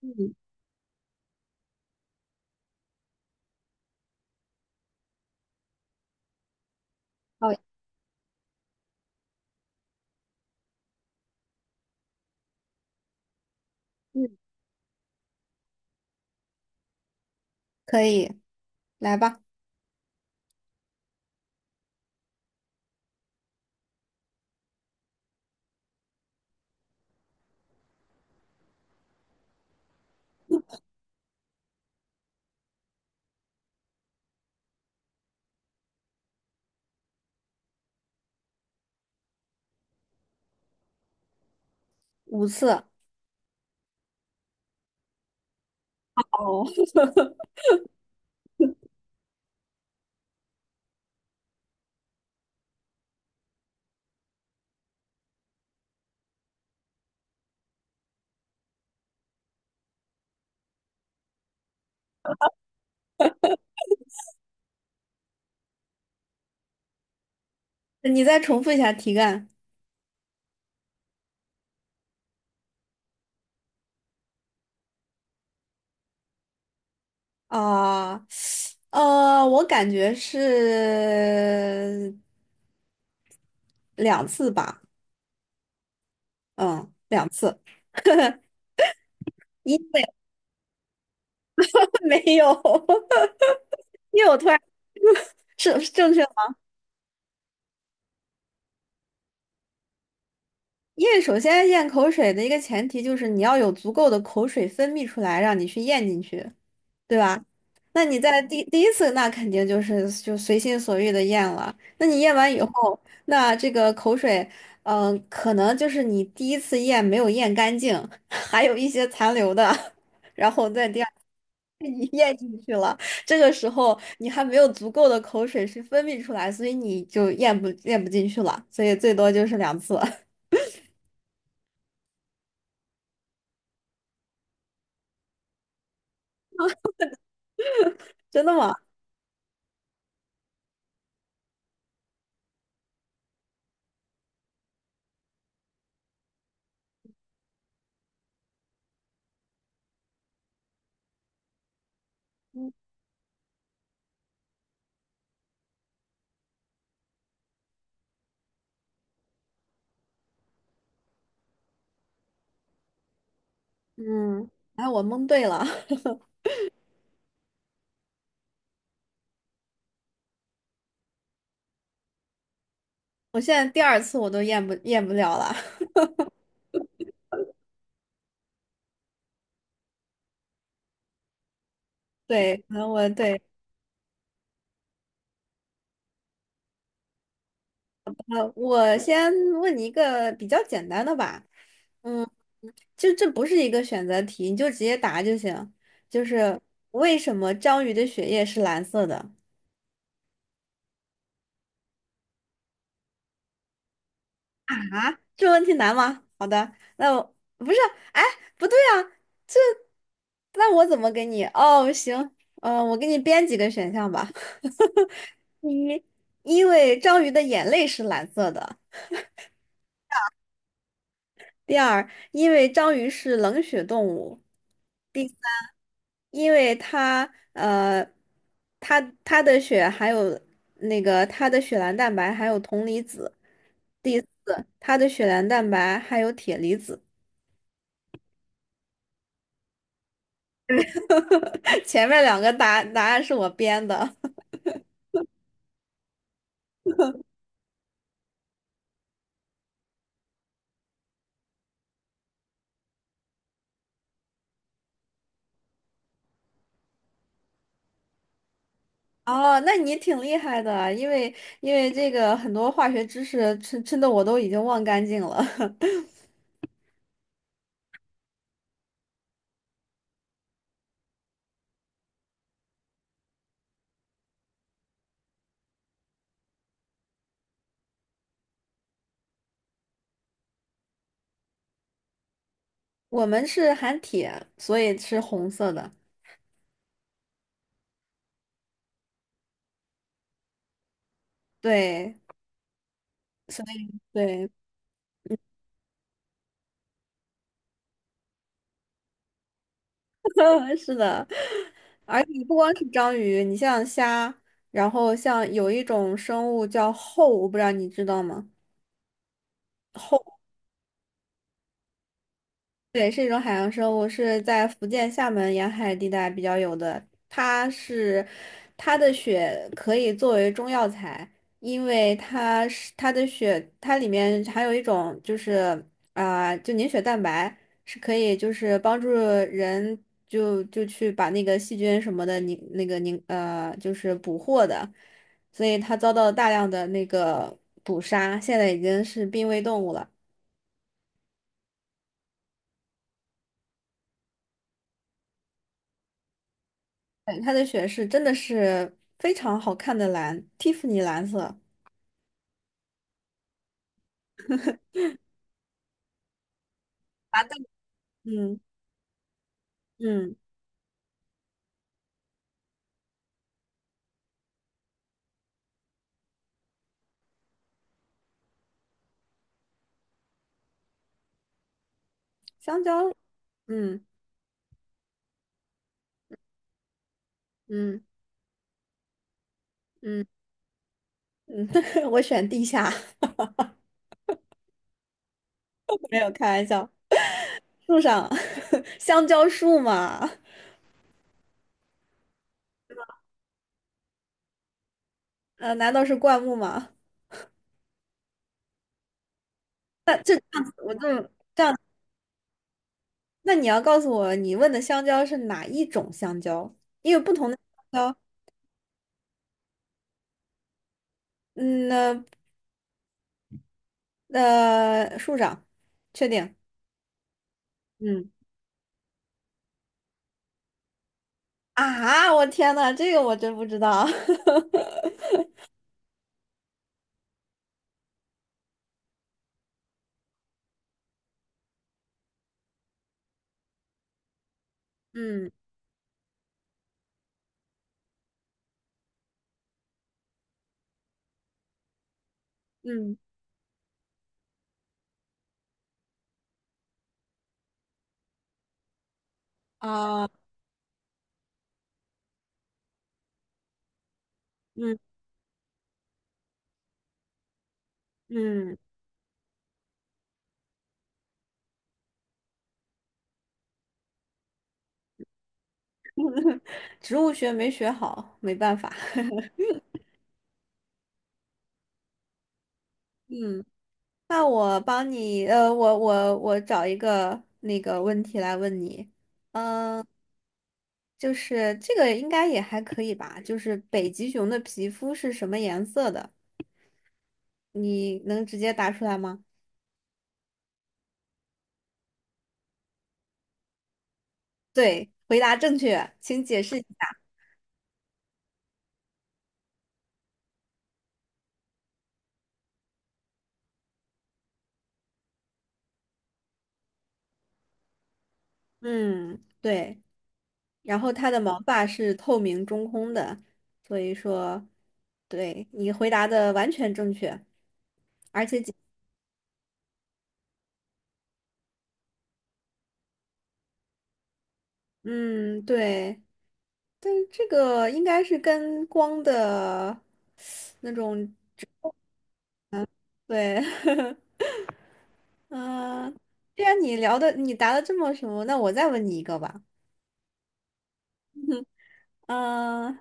嗯，好，嗯，可以，来吧，五次。哦，你再重复一下题干啊，我感觉是两次吧，嗯，两次，因为 没有，因为我突然 是正确吗？因为首先咽口水的一个前提就是你要有足够的口水分泌出来，让你去咽进去。对吧？那你在第一次，那肯定就是就随心所欲的咽了。那你咽完以后，那这个口水，可能就是你第一次咽没有咽干净，还有一些残留的，然后在第二次你 咽进去了。这个时候你还没有足够的口水去分泌出来，所以你就咽不进去了。所以最多就是两次，真的吗？嗯，哎，我蒙对了，我现在第二次我都咽不了了。对，可能我对。我先问你一个比较简单的吧，嗯，就这不是一个选择题，你就直接答就行。就是为什么章鱼的血液是蓝色的？啊，这问题难吗？好的，那我不是，哎，不对啊，这那我怎么给你？哦，行，我给你编几个选项吧。第一，因为章鱼的眼泪是蓝色的；第二，因为章鱼是冷血动物；第三，因为它呃，它的血含有那个它的血蓝蛋白含有铜离子；第四，它的血蓝蛋白含有铁离子。前面两个答案是我编的。哦，那你挺厉害的啊，因为因为这个很多化学知识真的我都已经忘干净了。我们是含铁，所以是红色的。对，所以对。是的，而且不光是章鱼，你像虾，然后像有一种生物叫后，我不知道你知道吗？对，是一种海洋生物，是在福建厦门沿海地带比较有的。它是，它的血可以作为中药材，因为它是它的血，它里面含有一种就是就凝血蛋白，是可以就是帮助人就去把那个细菌什么的凝那个凝就是捕获的，所以它遭到大量的那个捕杀，现在已经是濒危动物了。对，它的雪是真的是非常好看的蓝，蒂芙尼蓝色。麻豆，嗯嗯，香蕉，嗯嗯嗯嗯，我选地下，没有开玩笑。树上，香蕉树嘛，呃，难道是灌木吗？我就，那你要告诉我，你问的香蕉是哪一种香蕉？因为不同的香蕉，嗯，那树上，确定，嗯啊，我天呐，这个我真不知道，嗯。嗯啊，嗯嗯，植物学没学好，没办法。嗯，那我帮你，我找一个那个问题来问你，嗯、就是这个应该也还可以吧？就是北极熊的皮肤是什么颜色的？你能直接答出来吗？对，回答正确，请解释一下。嗯，对。然后它的毛发是透明中空的，所以说，对，你回答的完全正确。嗯，对，但是这个应该是跟光的那种，对，嗯、既然你聊的你答的这么什么，那我再问你一个吧。嗯、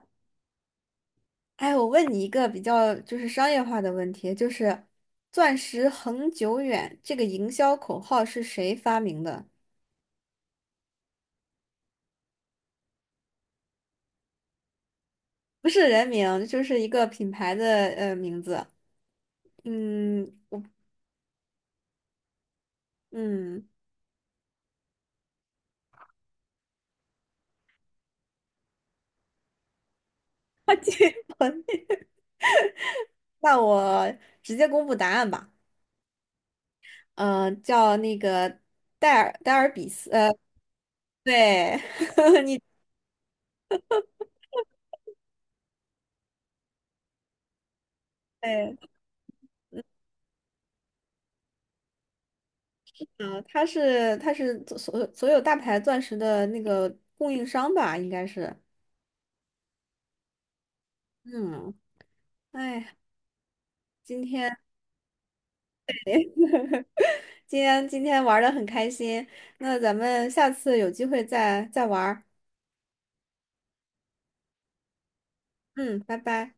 哎，我问你一个比较就是商业化的问题，就是“钻石恒久远”这个营销口号是谁发明的？不是人名，就是一个品牌的名字。嗯嗯，那我直接公布答案吧。叫那个戴尔比斯。呃，对，你对，嗯、他是他是所有大牌钻石的那个供应商吧，应该是。嗯，哎，今天今天玩的很开心，那咱们下次有机会再再玩儿嗯，拜拜。